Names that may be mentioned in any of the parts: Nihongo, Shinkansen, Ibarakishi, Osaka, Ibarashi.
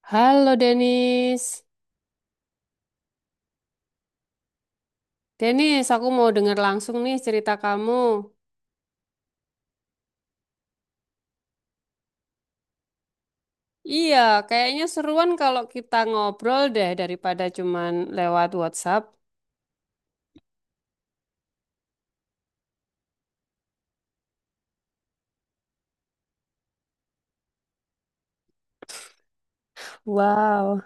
Halo Denis. Denis, aku mau dengar langsung nih cerita kamu. Iya, kayaknya seruan kalau kita ngobrol deh daripada cuman lewat WhatsApp. Wow,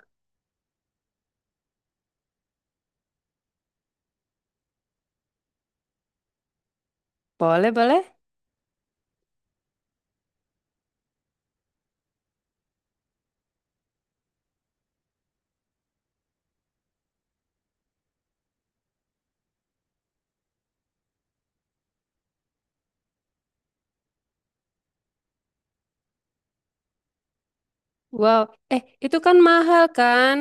boleh boleh. Wow, itu kan mahal kan?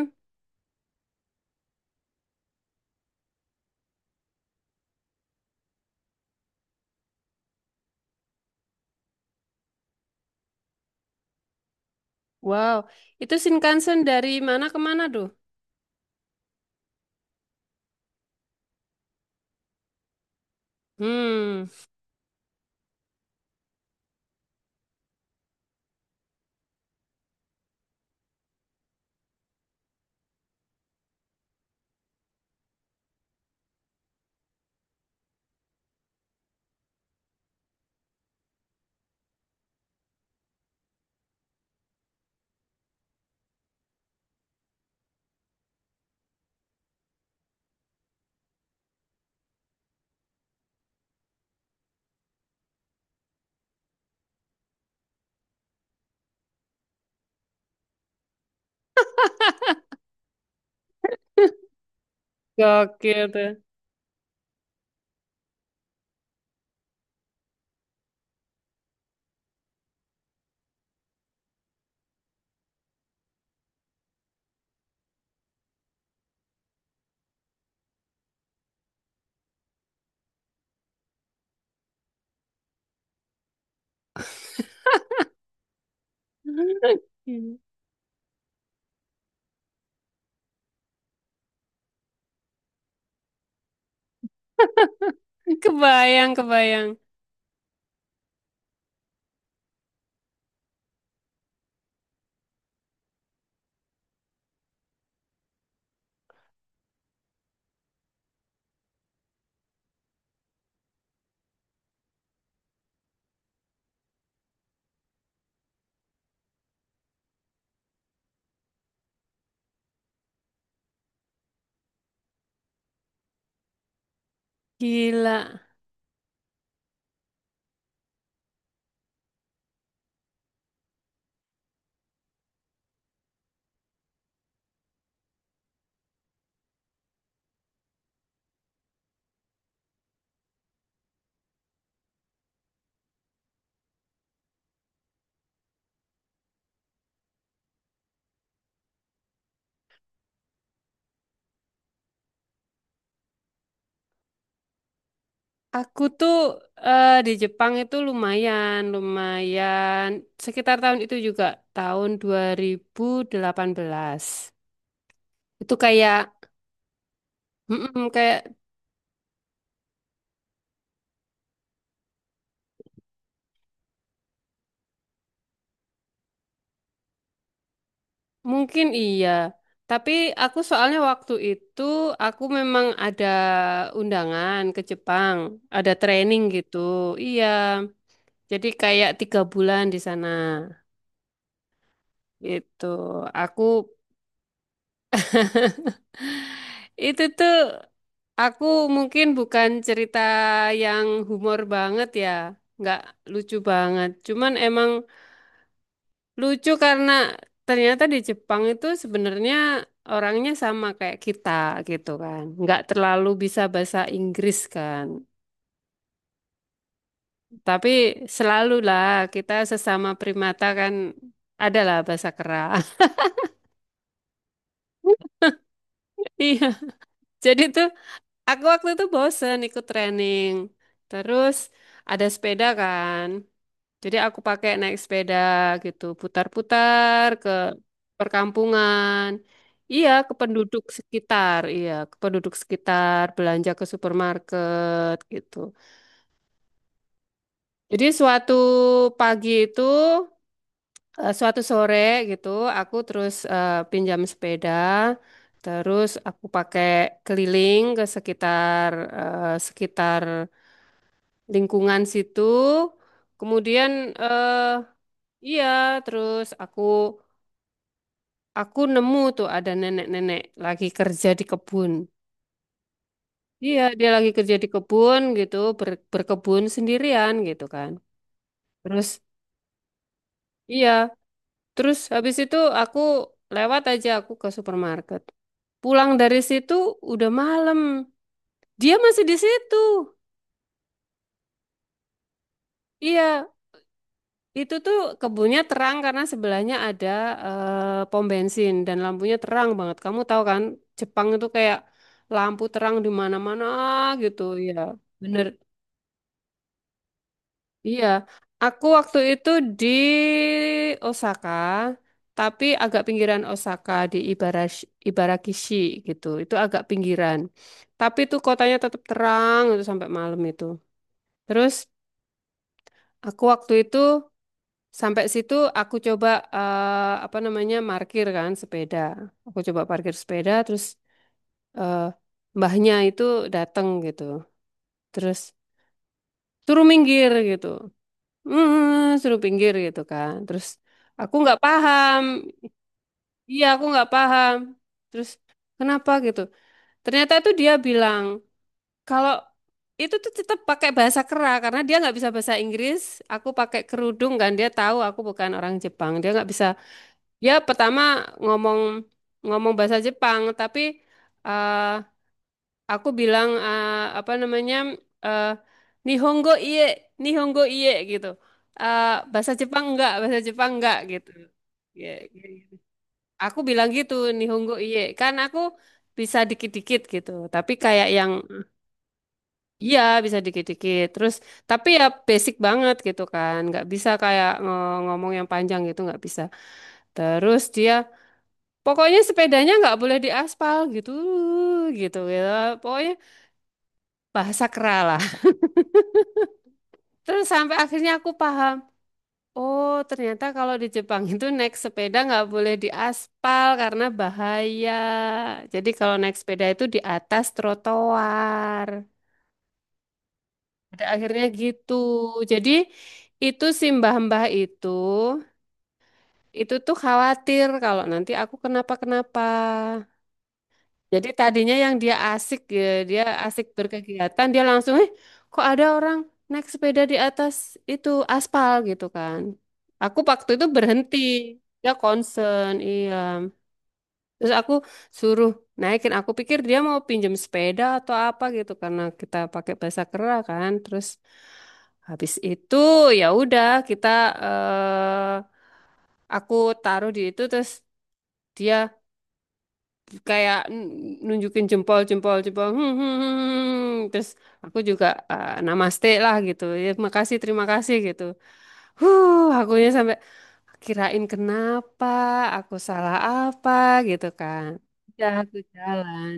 Wow, itu Shinkansen dari mana ke mana tuh? Hmm, gokil tuh. Kebayang, kebayang. Gila. Aku tuh di Jepang itu lumayan, lumayan sekitar tahun itu juga tahun 2018. Itu kayak mm-mm, kayak mungkin iya. Tapi aku soalnya waktu itu aku memang ada undangan ke Jepang, ada training gitu. Iya. Jadi kayak 3 bulan di sana. Gitu. Aku Itu tuh aku mungkin bukan cerita yang humor banget ya, nggak lucu banget. Cuman emang lucu karena ternyata di Jepang itu sebenarnya orangnya sama kayak kita gitu kan. Nggak terlalu bisa bahasa Inggris kan. Tapi selalulah kita sesama primata kan adalah bahasa kera. Iya, jadi tuh aku waktu itu bosen ikut training. Terus ada sepeda kan. Jadi aku pakai naik sepeda gitu, putar-putar ke perkampungan. Iya, ke penduduk sekitar, iya, ke penduduk sekitar, belanja ke supermarket gitu. Jadi suatu pagi itu, eh, suatu sore gitu, aku terus pinjam sepeda, terus aku pakai keliling ke sekitar lingkungan situ. Kemudian eh, iya, terus aku nemu tuh ada nenek-nenek lagi kerja di kebun. Iya, dia lagi kerja di kebun gitu, berkebun sendirian gitu kan. Terus, iya, terus habis itu aku lewat aja aku ke supermarket. Pulang dari situ udah malam. Dia masih di situ. Iya, itu tuh kebunnya terang karena sebelahnya ada pom bensin dan lampunya terang banget. Kamu tahu kan, Jepang itu kayak lampu terang di mana-mana gitu, ya. Bener. Iya, aku waktu itu di Osaka, tapi agak pinggiran Osaka di Ibarashi, Ibarakishi gitu. Itu agak pinggiran. Tapi itu kotanya tetap terang itu sampai malam itu. Terus aku waktu itu sampai situ aku coba apa namanya parkir kan sepeda. Aku coba parkir sepeda terus eh, mbahnya itu datang gitu. Terus suruh minggir gitu. Suruh pinggir gitu kan. Terus aku nggak paham. Iya, aku nggak paham. Terus kenapa gitu? Ternyata tuh dia bilang kalau itu tuh tetap pakai bahasa kera karena dia nggak bisa bahasa Inggris. Aku pakai kerudung kan dia tahu aku bukan orang Jepang. Dia nggak bisa. Ya pertama ngomong ngomong bahasa Jepang tapi eh, aku bilang apa namanya, eh, Nihongo iye, Nihongo iye gitu. Bahasa Jepang enggak, bahasa Jepang enggak gitu. Ya, ya, ya. Aku bilang gitu Nihongo iye, kan aku bisa dikit-dikit gitu. Tapi kayak yang iya bisa dikit-dikit. Terus tapi ya basic banget gitu kan, nggak bisa kayak ngomong yang panjang gitu nggak bisa. Terus dia pokoknya sepedanya nggak boleh diaspal gitu, gitu gitu ya. Pokoknya bahasa kera lah. Terus sampai akhirnya aku paham, oh ternyata kalau di Jepang itu naik sepeda nggak boleh di aspal karena bahaya. Jadi kalau naik sepeda itu di atas trotoar. Pada akhirnya gitu. Jadi itu si mbah-mbah itu tuh khawatir kalau nanti aku kenapa-kenapa. Jadi tadinya yang dia asik ya, dia asik berkegiatan, dia langsung, eh kok ada orang naik sepeda di atas itu aspal gitu kan. Aku waktu itu berhenti, dia concern, iya. Terus aku suruh naikin, aku pikir dia mau pinjam sepeda atau apa gitu karena kita pakai bahasa kera kan. Terus habis itu ya udah kita eh aku taruh di itu terus dia kayak nunjukin jempol jempol jempol, hmm, hmm, hmm, hmm, hmm, hmm. Terus aku juga namaste lah gitu ya makasih terima kasih gitu. Huh, akunya sampai kirain kenapa, aku salah apa gitu kan. Ya, aku jalan.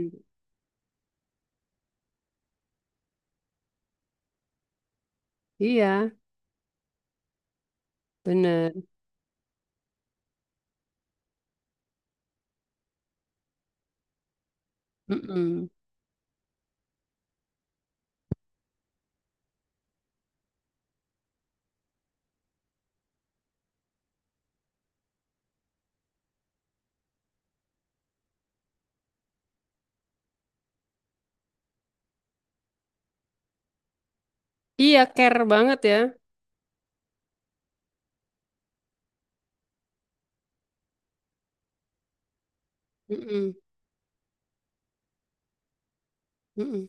Iya bener. Mm-mm. Iya care banget ya. Mm-mm. Mm-mm.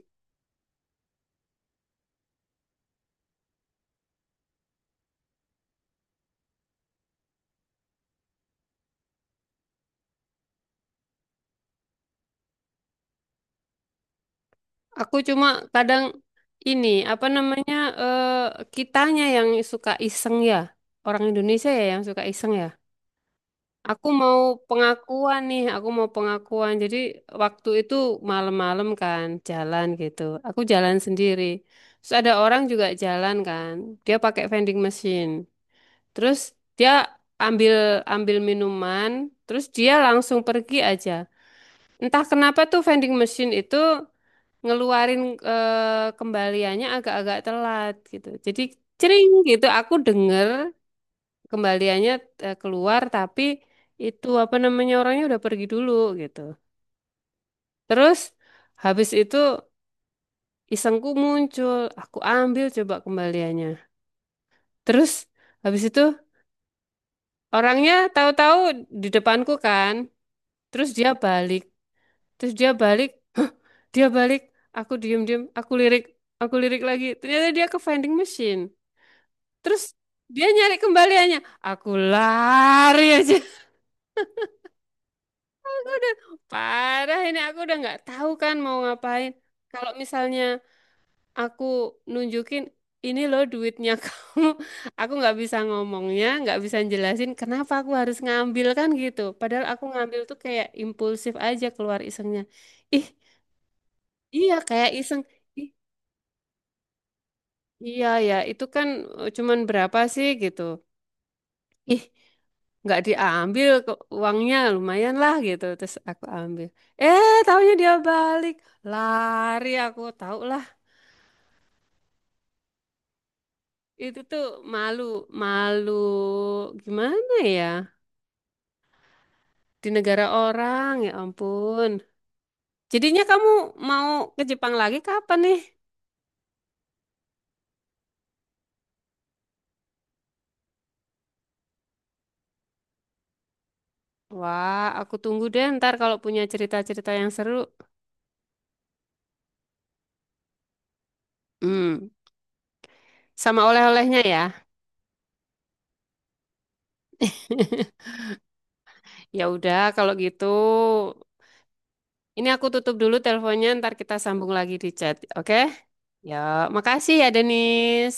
Aku cuma kadang ini apa namanya eh kitanya yang suka iseng ya, orang Indonesia ya yang suka iseng ya. Aku mau pengakuan nih, aku mau pengakuan. Jadi waktu itu malam-malam kan jalan gitu. Aku jalan sendiri. Terus ada orang juga jalan kan. Dia pakai vending machine. Terus dia ambil ambil minuman, terus dia langsung pergi aja. Entah kenapa tuh vending machine itu ngeluarin kembaliannya agak-agak telat gitu. Jadi cering gitu aku denger kembaliannya keluar tapi itu apa namanya orangnya udah pergi dulu gitu. Terus habis itu isengku muncul, aku ambil coba kembaliannya. Terus habis itu orangnya tahu-tahu di depanku kan. Terus dia balik, terus dia balik, hah, dia balik. Aku diem-diem, aku lirik lagi. Ternyata dia ke vending machine. Terus dia nyari kembaliannya. Aku lari aja. Udah, parah ini aku udah nggak tahu kan mau ngapain. Kalau misalnya aku nunjukin ini loh duitnya kamu, aku nggak bisa ngomongnya, nggak bisa jelasin kenapa aku harus ngambil kan gitu. Padahal aku ngambil tuh kayak impulsif aja keluar isengnya. Ih, iya kayak iseng. Ih, iya ya, itu kan cuman berapa sih gitu. Ih, nggak diambil kok, uangnya lumayan lah gitu terus aku ambil, taunya dia balik. Lari aku tahu lah. Itu tuh malu, malu gimana ya di negara orang, ya ampun. Jadinya kamu mau ke Jepang lagi kapan nih? Wah, aku tunggu deh ntar kalau punya cerita-cerita yang seru. hmm Sama oleh-olehnya ya. Ya udah kalau gitu. Ini aku tutup dulu teleponnya, ntar kita sambung lagi di chat. Oke? Ya, makasih ya, Denis.